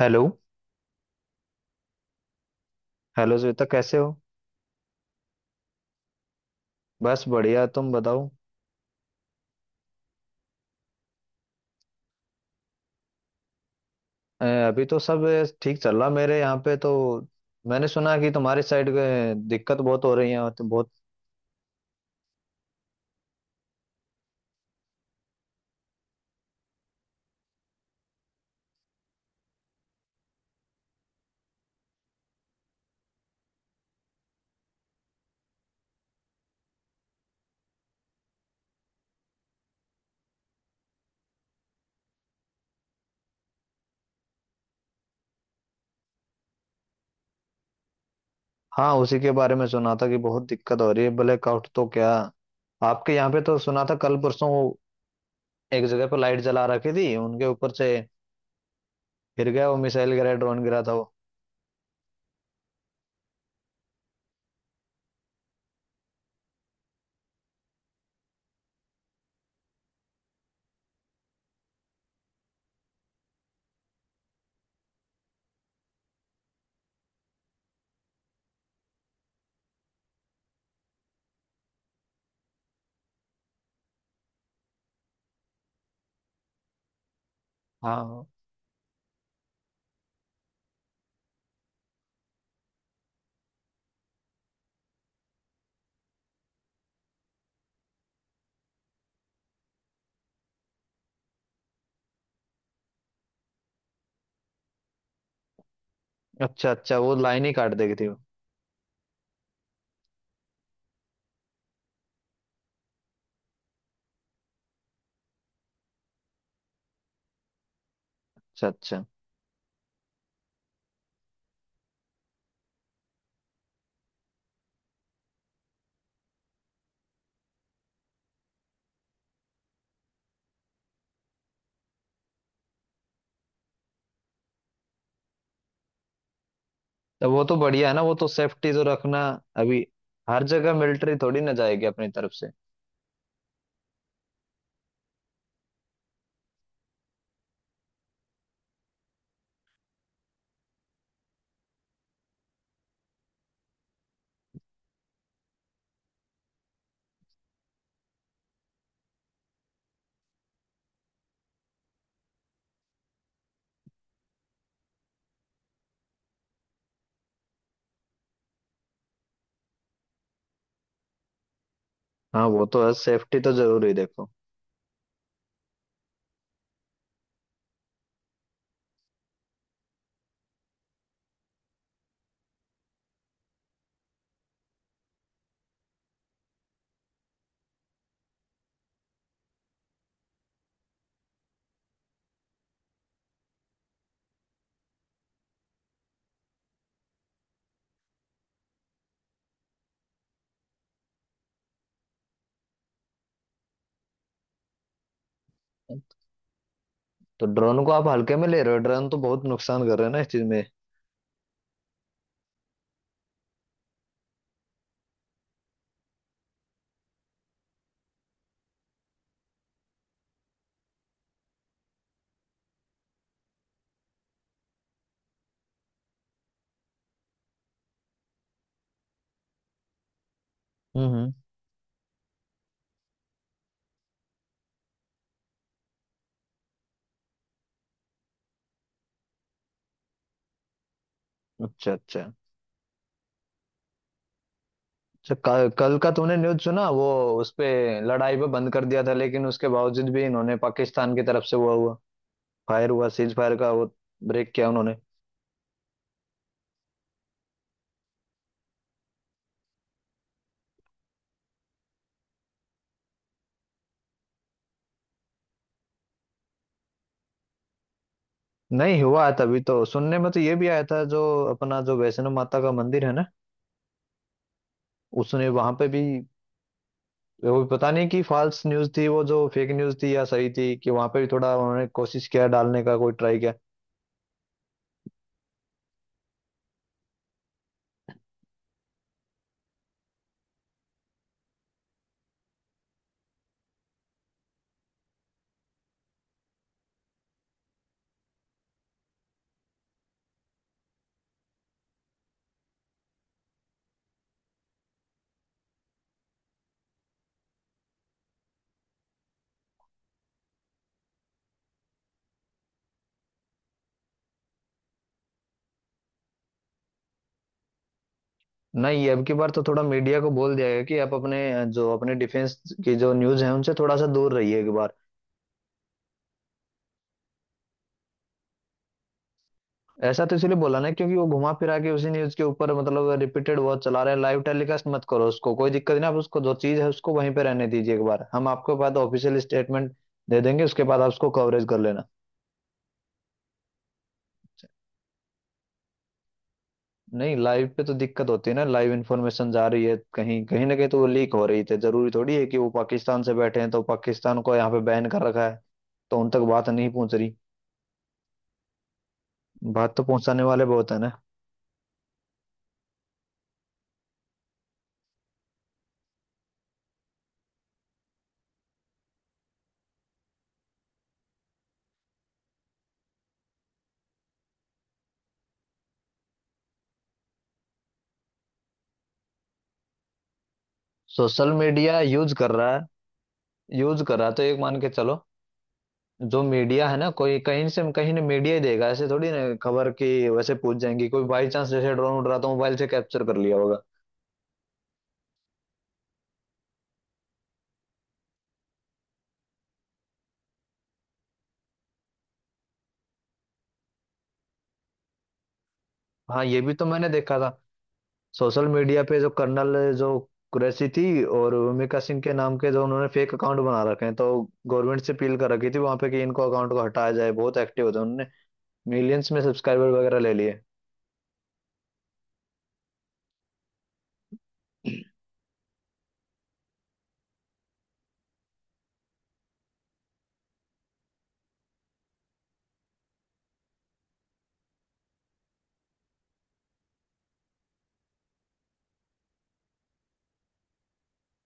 Hello. Hello Shweta, कैसे हो? बस बढ़िया, तुम बताओ। अभी तो सब ठीक चल रहा मेरे यहाँ पे तो। मैंने सुना कि तुम्हारी साइड के दिक्कत बहुत हो रही है, तो बहुत हाँ, उसी के बारे में सुना था कि बहुत दिक्कत हो रही है ब्लैकआउट तो। क्या आपके यहाँ पे तो सुना था कल परसों वो एक जगह पर लाइट जला रखी थी, उनके ऊपर से गिर गया, वो मिसाइल गिरा, ड्रोन गिरा था वो। हाँ, अच्छा अच्छा, वो लाइन ही काट देगी थी वो। अच्छा अच्छा। तो वो तो बढ़िया है ना, वो तो सेफ्टी तो रखना। अभी हर जगह मिलिट्री थोड़ी ना जाएगी अपनी तरफ से। हाँ, वो तो है, सेफ्टी तो जरूरी है देखो। तो ड्रोन को आप हल्के में ले रहे हो? ड्रोन तो बहुत नुकसान कर रहे हैं ना इस चीज में। हम्म हम्म। अच्छा अच्छा। अच्छा, कल का तूने न्यूज़ सुना वो? उस पे लड़ाई पे बंद कर दिया था, लेकिन उसके बावजूद भी इन्होंने पाकिस्तान की तरफ से हुआ हुआ फायर, हुआ सीज फायर का वो ब्रेक किया उन्होंने। नहीं हुआ है, तभी तो सुनने में तो ये भी आया था जो अपना जो वैष्णो माता का मंदिर है ना, उसने वहां पे भी वो पता नहीं कि फॉल्स न्यूज थी वो, जो फेक न्यूज थी या सही थी, कि वहां पे भी थोड़ा उन्होंने कोशिश किया डालने का, कोई ट्राई किया। नहीं, अब की बार तो थोड़ा मीडिया को बोल दिया गया कि आप अपने जो अपने डिफेंस की जो न्यूज है उनसे थोड़ा सा दूर रहिए एक बार। ऐसा तो इसलिए बोला ना क्योंकि वो घुमा फिरा के उसी न्यूज के ऊपर मतलब रिपीटेड बहुत चला रहे हैं। लाइव टेलीकास्ट मत करो उसको, कोई दिक्कत नहीं, आप उसको जो चीज है उसको वहीं पे रहने दीजिए एक बार, हम आपके बाद ऑफिशियल स्टेटमेंट दे देंगे, उसके बाद आप उसको कवरेज कर लेना। नहीं लाइव पे तो दिक्कत होती है ना, लाइव इन्फॉर्मेशन जा रही है, कहीं कहीं ना कहीं तो वो लीक हो रही थी। जरूरी थोड़ी है कि वो पाकिस्तान से बैठे हैं, तो पाकिस्तान को यहाँ पे बैन कर रखा है तो उन तक बात नहीं पहुंच रही। बात तो पहुंचाने वाले बहुत है ना। सोशल मीडिया यूज कर रहा है, यूज कर रहा है तो एक मान के चलो। जो मीडिया है ना, कोई कहीं से कहीं ने मीडिया ही देगा, ऐसे थोड़ी ना खबर की वैसे पूछ जाएंगी, कोई बाई चांस जैसे ड्रोन उड़ रहा था मोबाइल से कैप्चर कर लिया होगा। हाँ ये भी तो मैंने देखा था सोशल मीडिया पे, जो कर्नल जो कुरैशी थी और भूमिका सिंह के नाम के जो उन्होंने फेक अकाउंट बना रखे हैं, तो गवर्नमेंट से अपील कर रखी थी वहां पे कि इनको अकाउंट को हटाया जाए, बहुत एक्टिव होते हैं उन्होंने मिलियंस में सब्सक्राइबर वगैरह ले लिए।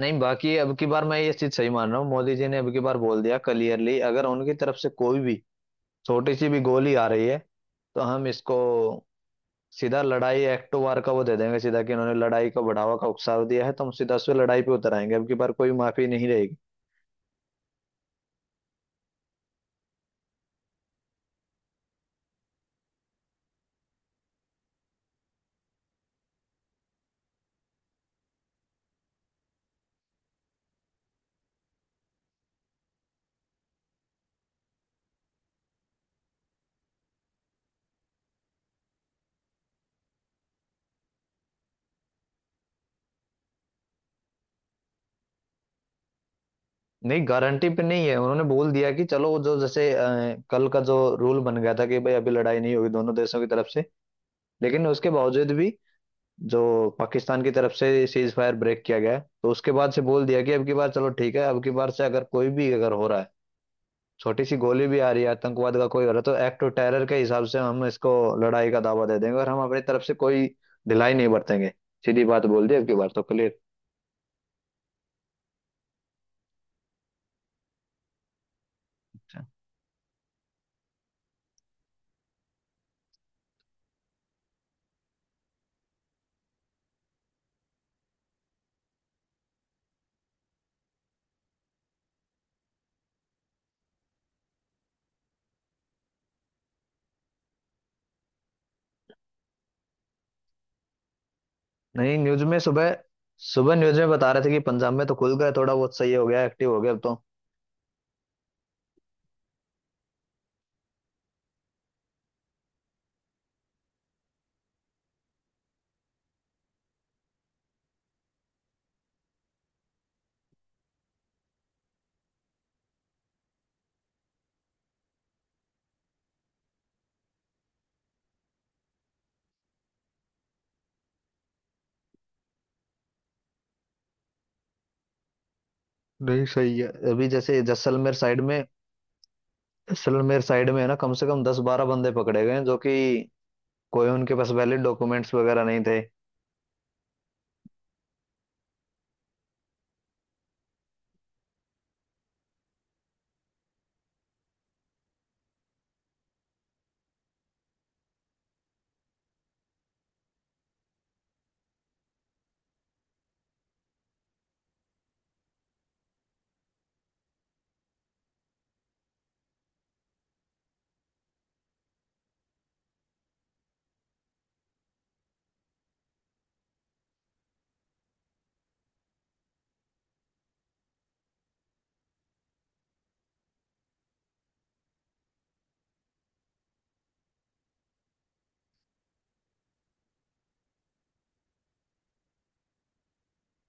नहीं बाकी अब की बार मैं ये चीज सही मान रहा हूँ, मोदी जी ने अब की बार बोल दिया क्लियरली, अगर उनकी तरफ से कोई भी छोटी सी भी गोली आ रही है, तो हम इसको सीधा लड़ाई, एक्ट वार का वो दे देंगे सीधा, कि उन्होंने लड़ाई का बढ़ावा का उकसाव दिया है, तो हम सीधा उस पे लड़ाई पे उतर आएंगे, अब की बार कोई माफी नहीं रहेगी। नहीं गारंटी पे नहीं है, उन्होंने बोल दिया कि चलो वो जो जैसे कल का जो रूल बन गया था कि भाई अभी लड़ाई नहीं होगी दोनों देशों की तरफ से, लेकिन उसके बावजूद भी जो पाकिस्तान की तरफ से सीज फायर ब्रेक किया गया है, तो उसके बाद से बोल दिया कि अब की बार चलो ठीक है, अब की बार से अगर कोई भी अगर हो रहा है, छोटी सी गोली भी आ रही है, आतंकवाद का कोई हो रहा है, तो एक्ट ऑफ टेरर के हिसाब से हम इसको लड़ाई का दावा दे देंगे, और हम अपनी तरफ से कोई ढिलाई नहीं बरतेंगे। सीधी बात बोल दी अब की बार तो, क्लियर। नहीं न्यूज में सुबह सुबह न्यूज में बता रहे थे कि पंजाब में तो खुल गए, थोड़ा बहुत सही हो गया, एक्टिव हो गया अब तो। नहीं सही है, अभी जैसे जैसलमेर साइड में है ना, कम से कम दस बारह बंदे पकड़े गए हैं जो कि कोई उनके पास वैलिड डॉक्यूमेंट्स वगैरह नहीं थे।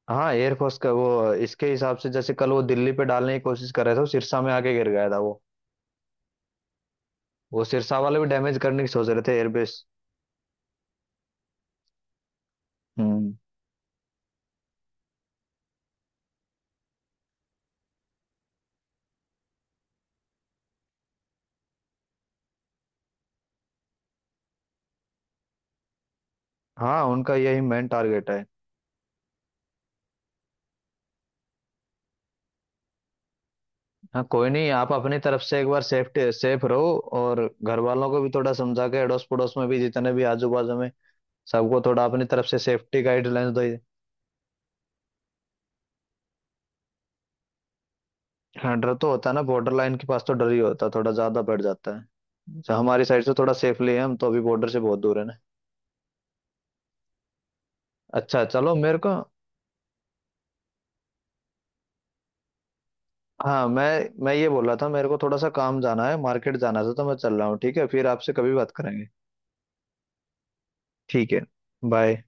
हाँ एयरफोर्स का वो इसके हिसाब से जैसे कल वो दिल्ली पे डालने की कोशिश कर रहे थे, वो सिरसा में आके गिर गया था वो। वो सिरसा वाले भी डैमेज करने की सोच रहे थे एयरबेस। हम्म। हाँ उनका यही मेन टारगेट है। हाँ कोई नहीं, आप अपनी तरफ से एक बार सेफ्टी, सेफ रहो, और घर वालों को भी थोड़ा समझा के, अड़ोस पड़ोस में भी जितने भी आजू बाजू में सबको थोड़ा अपनी तरफ से सेफ्टी गाइडलाइंस दो। हाँ डर तो होता है ना, बॉर्डर लाइन के पास तो डर ही होता है, थोड़ा ज्यादा बढ़ जाता है। अच्छा, हमारी साइड से थोड़ा सेफली है, हम तो अभी बॉर्डर से बहुत दूर है ना। अच्छा चलो, मेरे को हाँ, मैं ये बोल रहा था, मेरे को थोड़ा सा काम जाना है, मार्केट जाना था, तो मैं चल रहा हूँ ठीक है, फिर आपसे कभी बात करेंगे। ठीक है, बाय।